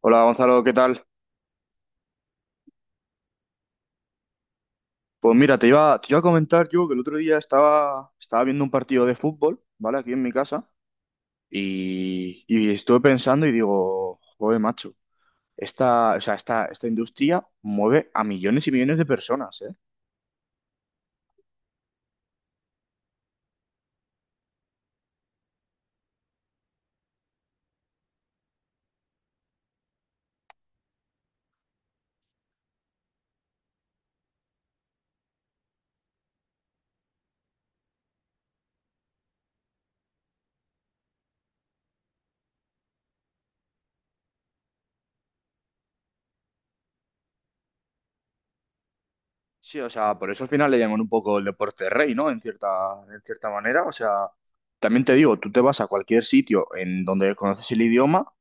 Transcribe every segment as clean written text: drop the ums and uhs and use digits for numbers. Hola Gonzalo, ¿qué tal? Pues mira, te iba a comentar yo que el otro día estaba viendo un partido de fútbol, ¿vale? Aquí en mi casa y estuve pensando y digo, joder, macho, esta, o sea, esta industria mueve a millones y millones de personas, ¿eh? Sí, o sea, por eso al final le llaman un poco el deporte rey, ¿no? En cierta manera. O sea, también te digo, tú te vas a cualquier sitio en donde conoces el idioma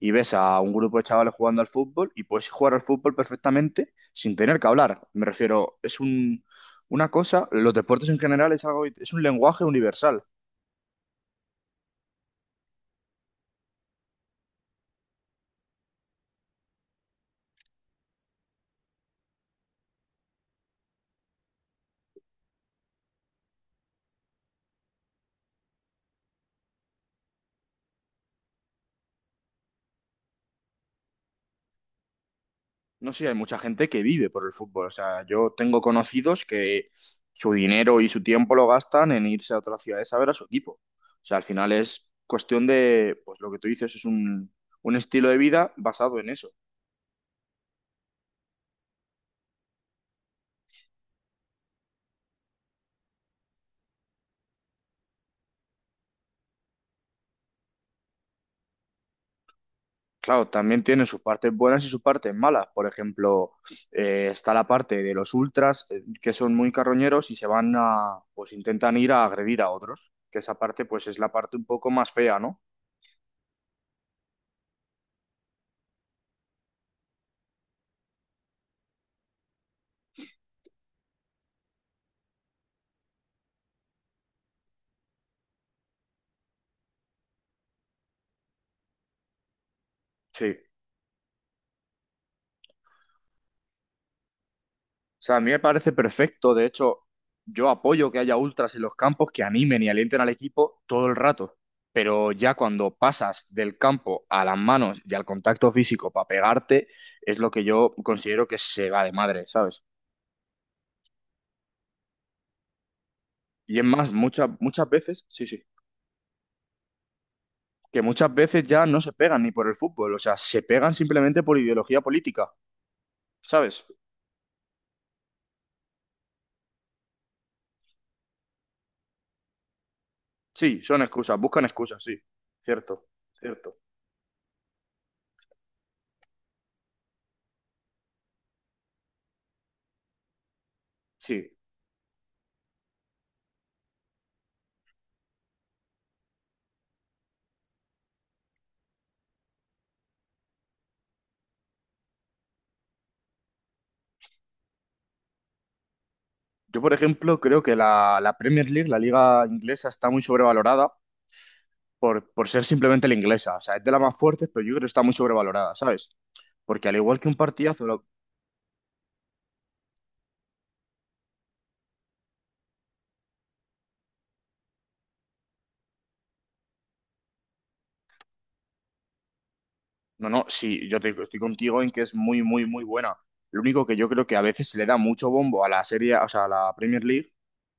y ves a un grupo de chavales jugando al fútbol y puedes jugar al fútbol perfectamente sin tener que hablar. Me refiero, una cosa, los deportes en general es algo, es un lenguaje universal. No sé, hay mucha gente que vive por el fútbol. O sea, yo tengo conocidos que su dinero y su tiempo lo gastan en irse a otras ciudades a ver a su equipo. O sea, al final es cuestión de, pues lo que tú dices, un estilo de vida basado en eso. Claro, también tiene sus partes buenas y sus partes malas. Por ejemplo, está la parte de los ultras, que son muy carroñeros y se van a, pues intentan ir a agredir a otros. Que esa parte, pues es la parte un poco más fea, ¿no? Sí. O sea, a mí me parece perfecto. De hecho, yo apoyo que haya ultras en los campos que animen y alienten al equipo todo el rato. Pero ya cuando pasas del campo a las manos y al contacto físico para pegarte, es lo que yo considero que se va de madre, ¿sabes? Y es más, muchas veces, sí, sí, que muchas veces ya no se pegan ni por el fútbol. O sea, se pegan simplemente por ideología política, ¿sabes? Sí, son excusas, buscan excusas, sí. Cierto, cierto. Sí. Yo, por ejemplo, creo que la Premier League, la liga inglesa, está muy sobrevalorada por ser simplemente la inglesa. O sea, es de las más fuertes, pero yo creo que está muy sobrevalorada, ¿sabes? Porque al igual que un partidazo, lo- no, no, sí, yo te, estoy contigo en que es muy buena. Lo único que yo creo que a veces se le da mucho bombo a la serie, o sea, a la Premier League,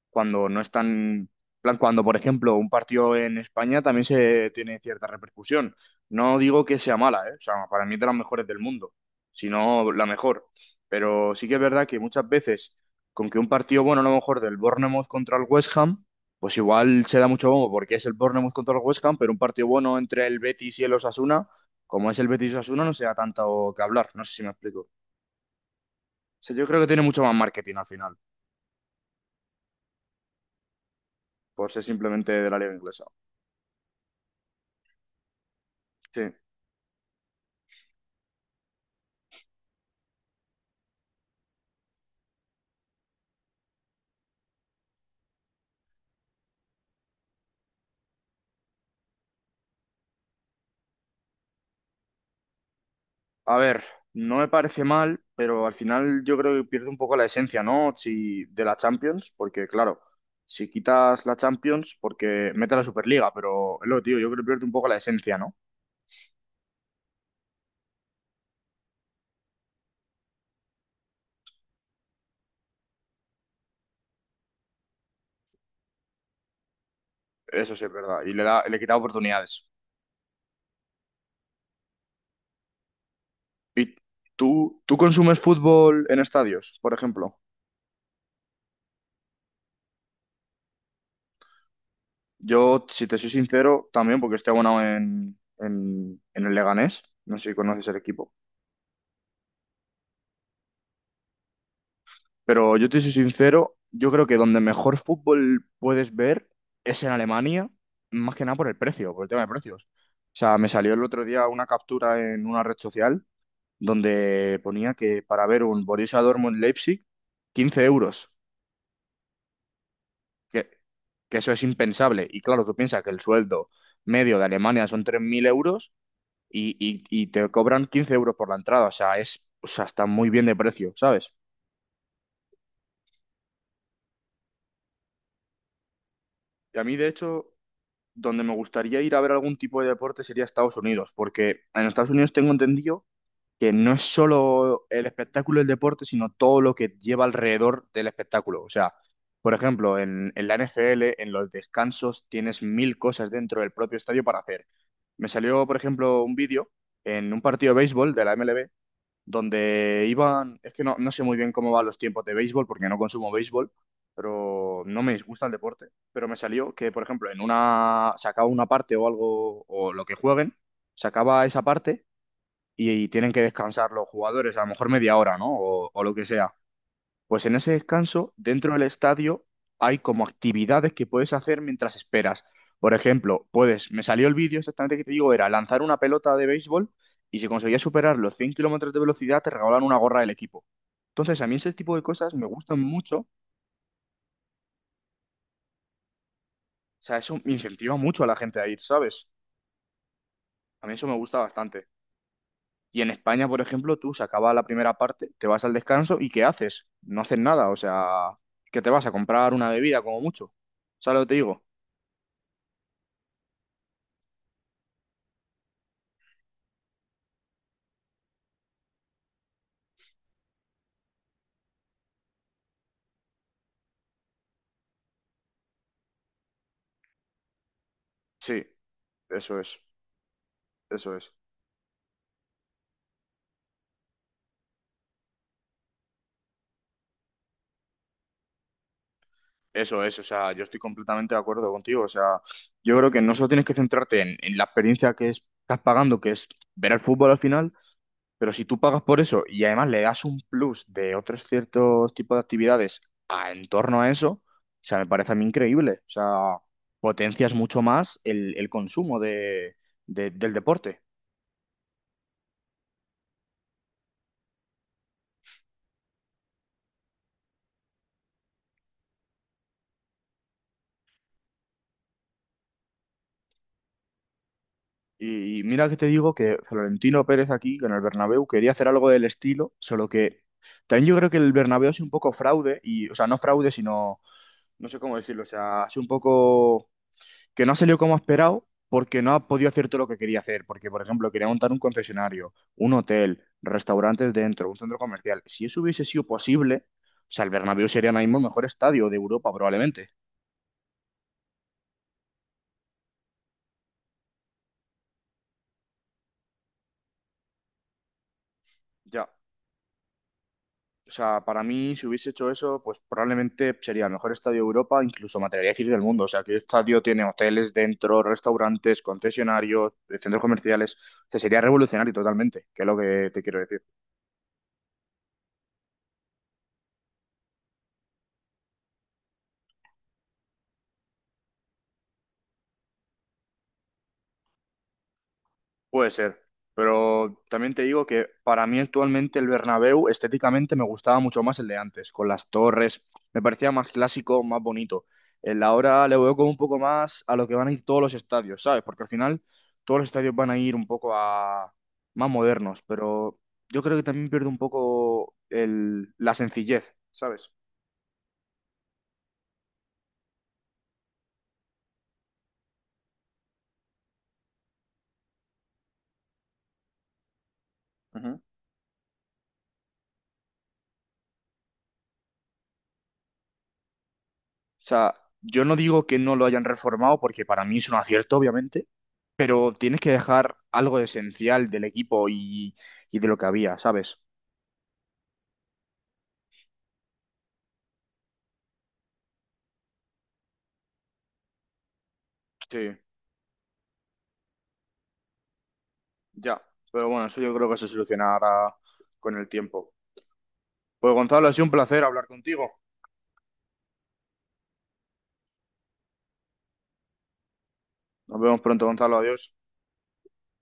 cuando no están, plan, cuando por ejemplo un partido en España también se tiene cierta repercusión. No digo que sea mala, ¿eh? O sea, para mí es de las mejores del mundo, sino la mejor. Pero sí que es verdad que muchas veces con que un partido bueno, a lo mejor del Bournemouth contra el West Ham, pues igual se da mucho bombo porque es el Bournemouth contra el West Ham, pero un partido bueno entre el Betis y el Osasuna, como es el Betis Osasuna, no se da tanto que hablar. No sé si me explico. O sea, yo creo que tiene mucho más marketing al final, por ser simplemente de la liga inglesa. Sí. A ver, no me parece mal, pero al final yo creo que pierde un poco la esencia, ¿no? Si, de la Champions, porque claro, si quitas la Champions, porque mete la Superliga, pero es lo que te digo, yo creo que pierde un poco la esencia, ¿no? Eso sí es verdad, y le da, le quita oportunidades. ¿Y tú consumes fútbol en estadios, por ejemplo? Yo, si te soy sincero, también porque estoy abonado en el Leganés, no sé si conoces el equipo. Pero yo te soy sincero, yo creo que donde mejor fútbol puedes ver es en Alemania, más que nada por el precio, por el tema de precios. O sea, me salió el otro día una captura en una red social donde ponía que para ver un Borussia Dortmund-Leipzig, 15 euros, que, que eso es impensable. Y claro, tú piensas que el sueldo medio de Alemania son 3000 euros y te cobran 15 euros por la entrada. O sea, es, o sea, está muy bien de precio, ¿sabes? Y a mí, de hecho, donde me gustaría ir a ver algún tipo de deporte sería Estados Unidos, porque en Estados Unidos tengo entendido que no es solo el espectáculo del deporte, sino todo lo que lleva alrededor del espectáculo. O sea, por ejemplo, en la NFL, en los descansos, tienes mil cosas dentro del propio estadio para hacer. Me salió, por ejemplo, un vídeo en un partido de béisbol de la MLB donde iban, es que no, no sé muy bien cómo van los tiempos de béisbol porque no consumo béisbol, pero no me disgusta el deporte. Pero me salió que, por ejemplo, en una, se acaba una parte o algo, o lo que jueguen, se acaba esa parte y tienen que descansar los jugadores, a lo mejor media hora, ¿no? O lo que sea. Pues en ese descanso, dentro del estadio, hay como actividades que puedes hacer mientras esperas. Por ejemplo, puedes, me salió el vídeo exactamente que te digo, era lanzar una pelota de béisbol y si conseguías superar los 100 kilómetros de velocidad, te regalaban una gorra del equipo. Entonces, a mí ese tipo de cosas me gustan mucho. O sea, eso me incentiva mucho a la gente a ir, ¿sabes? A mí eso me gusta bastante. Y en España, por ejemplo, tú se acaba la primera parte, te vas al descanso y ¿qué haces? No haces nada, o sea, que te vas a comprar una bebida como mucho. ¿Sabes lo que te digo? Sí. Eso es, eso es, eso es, o sea, yo estoy completamente de acuerdo contigo, o sea, yo creo que no solo tienes que centrarte en la experiencia que es- estás pagando, que es ver el fútbol al final, pero si tú pagas por eso y además le das un plus de otros ciertos tipos de actividades a, en torno a eso, o sea, me parece a mí increíble, o sea, potencias mucho más el consumo del deporte. Y mira que te digo que Florentino Pérez aquí, con el Bernabéu, quería hacer algo del estilo, solo que también yo creo que el Bernabéu es un poco fraude, y, o sea, no fraude, sino, no sé cómo decirlo, o sea, es un poco que no ha salido como ha esperado porque no ha podido hacer todo lo que quería hacer, porque, por ejemplo, quería montar un concesionario, un hotel, restaurantes dentro, un centro comercial. Si eso hubiese sido posible, o sea, el Bernabéu sería ahora mismo el mejor estadio de Europa, probablemente. Ya. O sea, para mí, si hubiese hecho eso, pues probablemente sería el mejor estadio de Europa, incluso me atrevería a decir del mundo. O sea, que el estadio tiene hoteles dentro, restaurantes, concesionarios, centros comerciales. O sea, sería revolucionario totalmente, que es lo que te quiero decir. Puede ser, pero también te digo que para mí actualmente el Bernabéu estéticamente me gustaba mucho más el de antes, con las torres, me parecía más clásico, más bonito. El de ahora le veo como un poco más a lo que van a ir todos los estadios, ¿sabes? Porque al final todos los estadios van a ir un poco a más modernos, pero yo creo que también pierde un poco el la sencillez, ¿sabes? Ujú. O sea, yo no digo que no lo hayan reformado, porque para mí es un acierto, obviamente, pero tienes que dejar algo esencial del equipo y de lo que había, ¿sabes? Sí, ya. Pero bueno, eso yo creo que se solucionará con el tiempo. Pues Gonzalo, ha sido un placer hablar contigo. Nos vemos pronto, Gonzalo. Adiós.